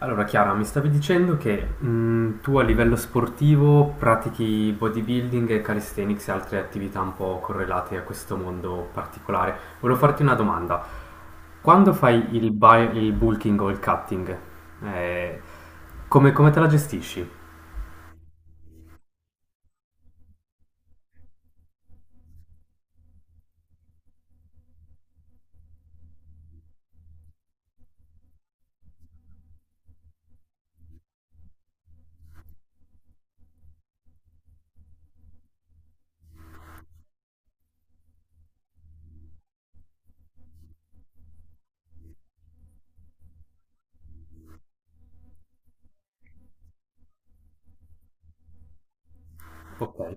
Allora Chiara, mi stavi dicendo che tu a livello sportivo pratichi bodybuilding e calisthenics e altre attività un po' correlate a questo mondo particolare. Volevo farti una domanda. Quando fai il, il bulking o il cutting, eh, come, come te la gestisci? Ok.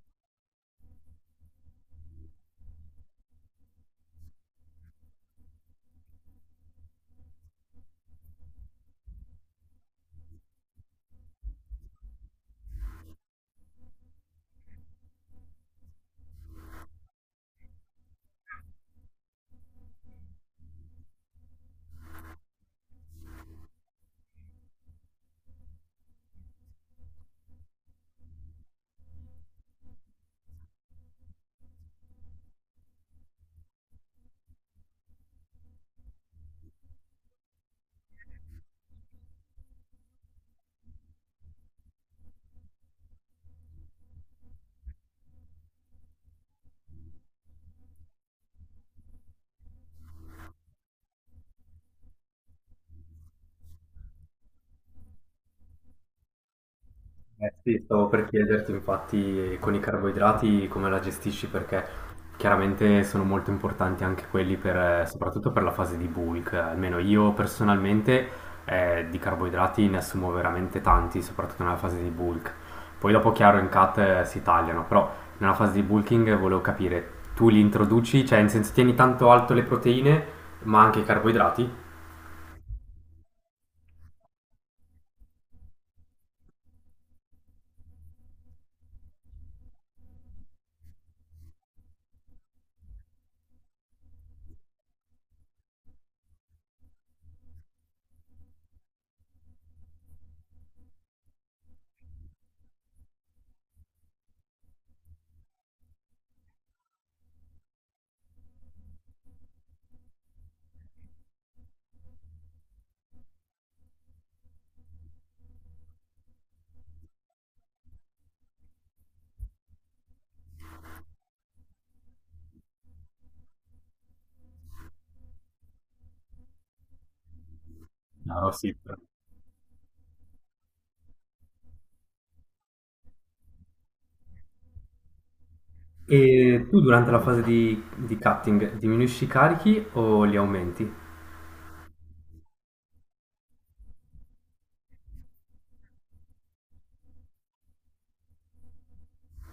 Eh sì, stavo per chiederti infatti con i carboidrati come la gestisci perché chiaramente sono molto importanti anche quelli per, soprattutto per la fase di bulk. Almeno io personalmente di carboidrati ne assumo veramente tanti, soprattutto nella fase di bulk. Poi dopo chiaro in cut si tagliano, però nella fase di bulking volevo capire, tu li introduci, cioè in senso tieni tanto alto le proteine ma anche i carboidrati? Chiaro, sì. E tu durante la fase di cutting diminuisci i carichi o li aumenti?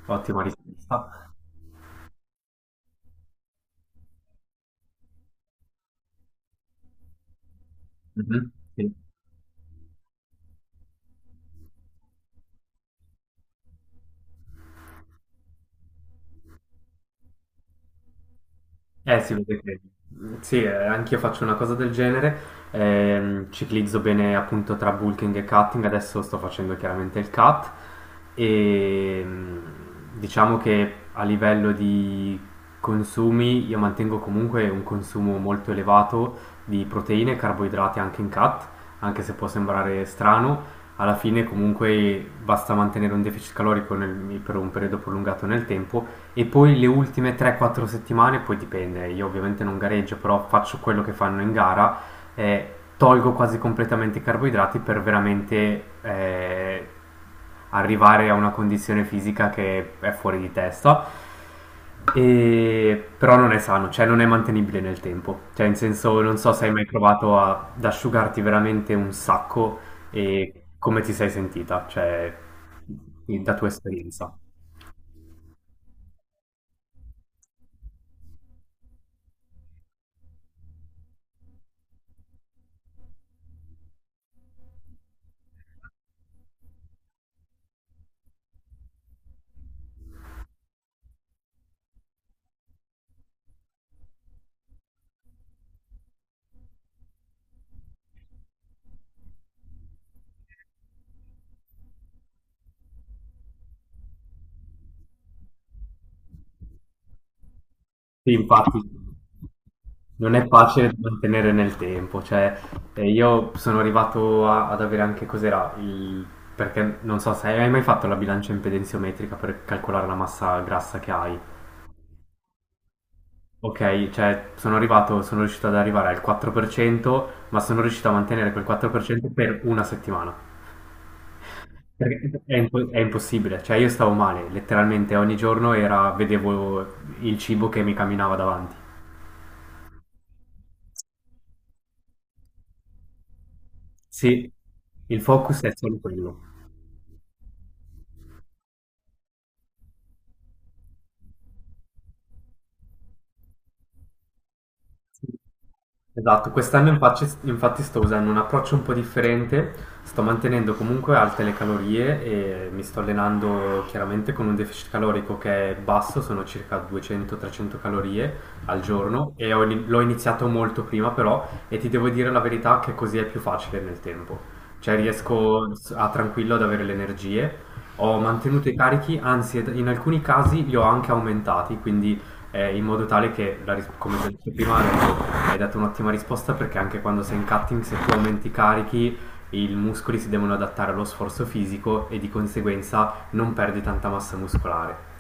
Ottima risposta. Mhm, sì. Si vede che sì, anch'io faccio una cosa del genere. Ehm, ciclizzo bene appunto tra bulking e cutting. Adesso sto facendo chiaramente il cut. E diciamo che a livello di consumi, io mantengo comunque un consumo molto elevato di proteine e carboidrati anche in cut, anche se può sembrare strano. Alla fine, comunque, basta mantenere un deficit calorico per un periodo prolungato nel tempo, e poi le ultime 3-4 settimane, poi dipende, io ovviamente non gareggio, però faccio quello che fanno in gara, tolgo quasi completamente i carboidrati per veramente arrivare a una condizione fisica che è fuori di testa. Però non è sano, cioè non è mantenibile nel tempo. Cioè, in senso, non so se hai mai provato ad asciugarti veramente un sacco e come ti sei sentita, cioè, da tua esperienza. Sì, infatti non è facile da mantenere nel tempo, cioè io sono arrivato ad avere anche cos'era il... Perché non so se hai mai fatto la bilancia impedenziometrica per calcolare la massa grassa che hai. Ok, cioè sono arrivato, sono riuscito ad arrivare al 4%, ma sono riuscito a mantenere quel 4% per cento per una settimana. Perché è, è impossibile, cioè io stavo male, letteralmente ogni giorno era, vedevo il cibo che mi camminava davanti. Sì, il focus è solo quello. Sì. Esatto, quest'anno infatti, infatti sto usando un approccio un po' differente, sto mantenendo comunque alte le calorie e mi sto allenando chiaramente con un deficit calorico che è basso, sono circa 200-300 calorie al giorno e ho l'ho iniziato molto prima però, e ti devo dire la verità che così è più facile nel tempo, cioè riesco a tranquillo ad avere le energie, ho mantenuto i carichi, anzi in alcuni casi li ho anche aumentati, quindi in modo tale che, la come ti ho detto prima, adesso hai dato un'ottima risposta perché anche quando sei in cutting, se tu aumenti i carichi, i muscoli si devono adattare allo sforzo fisico e di conseguenza non perdi tanta massa muscolare.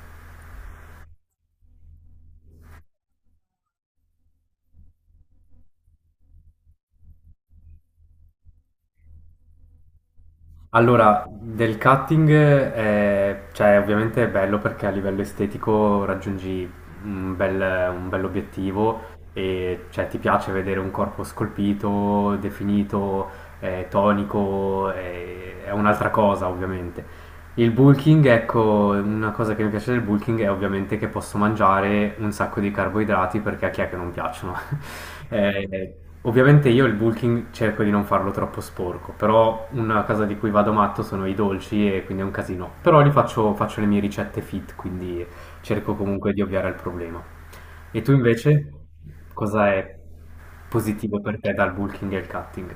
Allora, del cutting, cioè, ovviamente è bello perché a livello estetico raggiungi un bel, un bell'obiettivo e cioè, ti piace vedere un corpo scolpito, definito, tonico, è un'altra cosa ovviamente. Il bulking, ecco, una cosa che mi piace del bulking è ovviamente che posso mangiare un sacco di carboidrati perché a chi è che non piacciono. Eh, ovviamente io il bulking cerco di non farlo troppo sporco, però una cosa di cui vado matto sono i dolci e quindi è un casino. Però li faccio, faccio le mie ricette fit, quindi cerco comunque di ovviare al problema. E tu invece, cosa è positivo per te dal bulking e il cutting?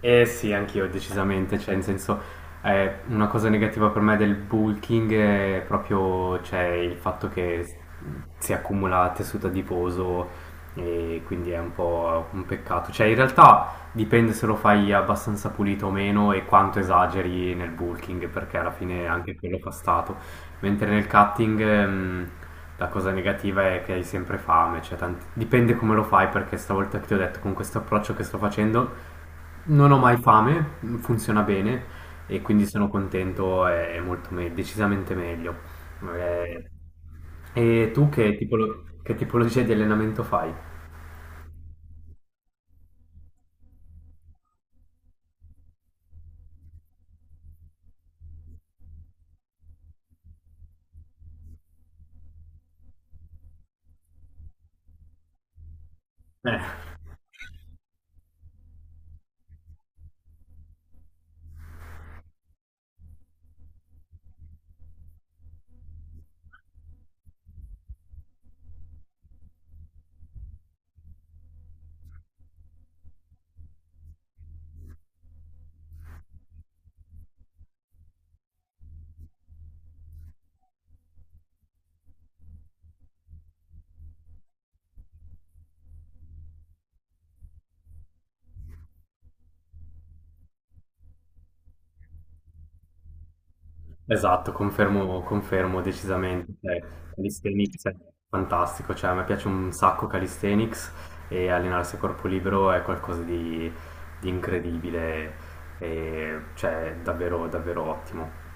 Eh sì, anch'io decisamente, cioè in senso una cosa negativa per me del bulking è proprio cioè, il fatto che si accumula tessuto adiposo e quindi è un po' un peccato. Cioè in realtà dipende se lo fai abbastanza pulito o meno e quanto esageri nel bulking perché alla fine anche quello fa stato. Mentre nel cutting la cosa negativa è che hai sempre fame, cioè dipende come lo fai perché stavolta che ti ho detto con questo approccio che sto facendo non ho mai fame, funziona bene e quindi sono contento, è molto decisamente meglio. Eh, e tu che che tipologia di allenamento fai? Eh, esatto, confermo, confermo decisamente. Cioè, calisthenics è fantastico, cioè, a me piace un sacco calisthenics, e allenarsi a corpo libero è qualcosa di incredibile, e, cioè davvero, davvero ottimo.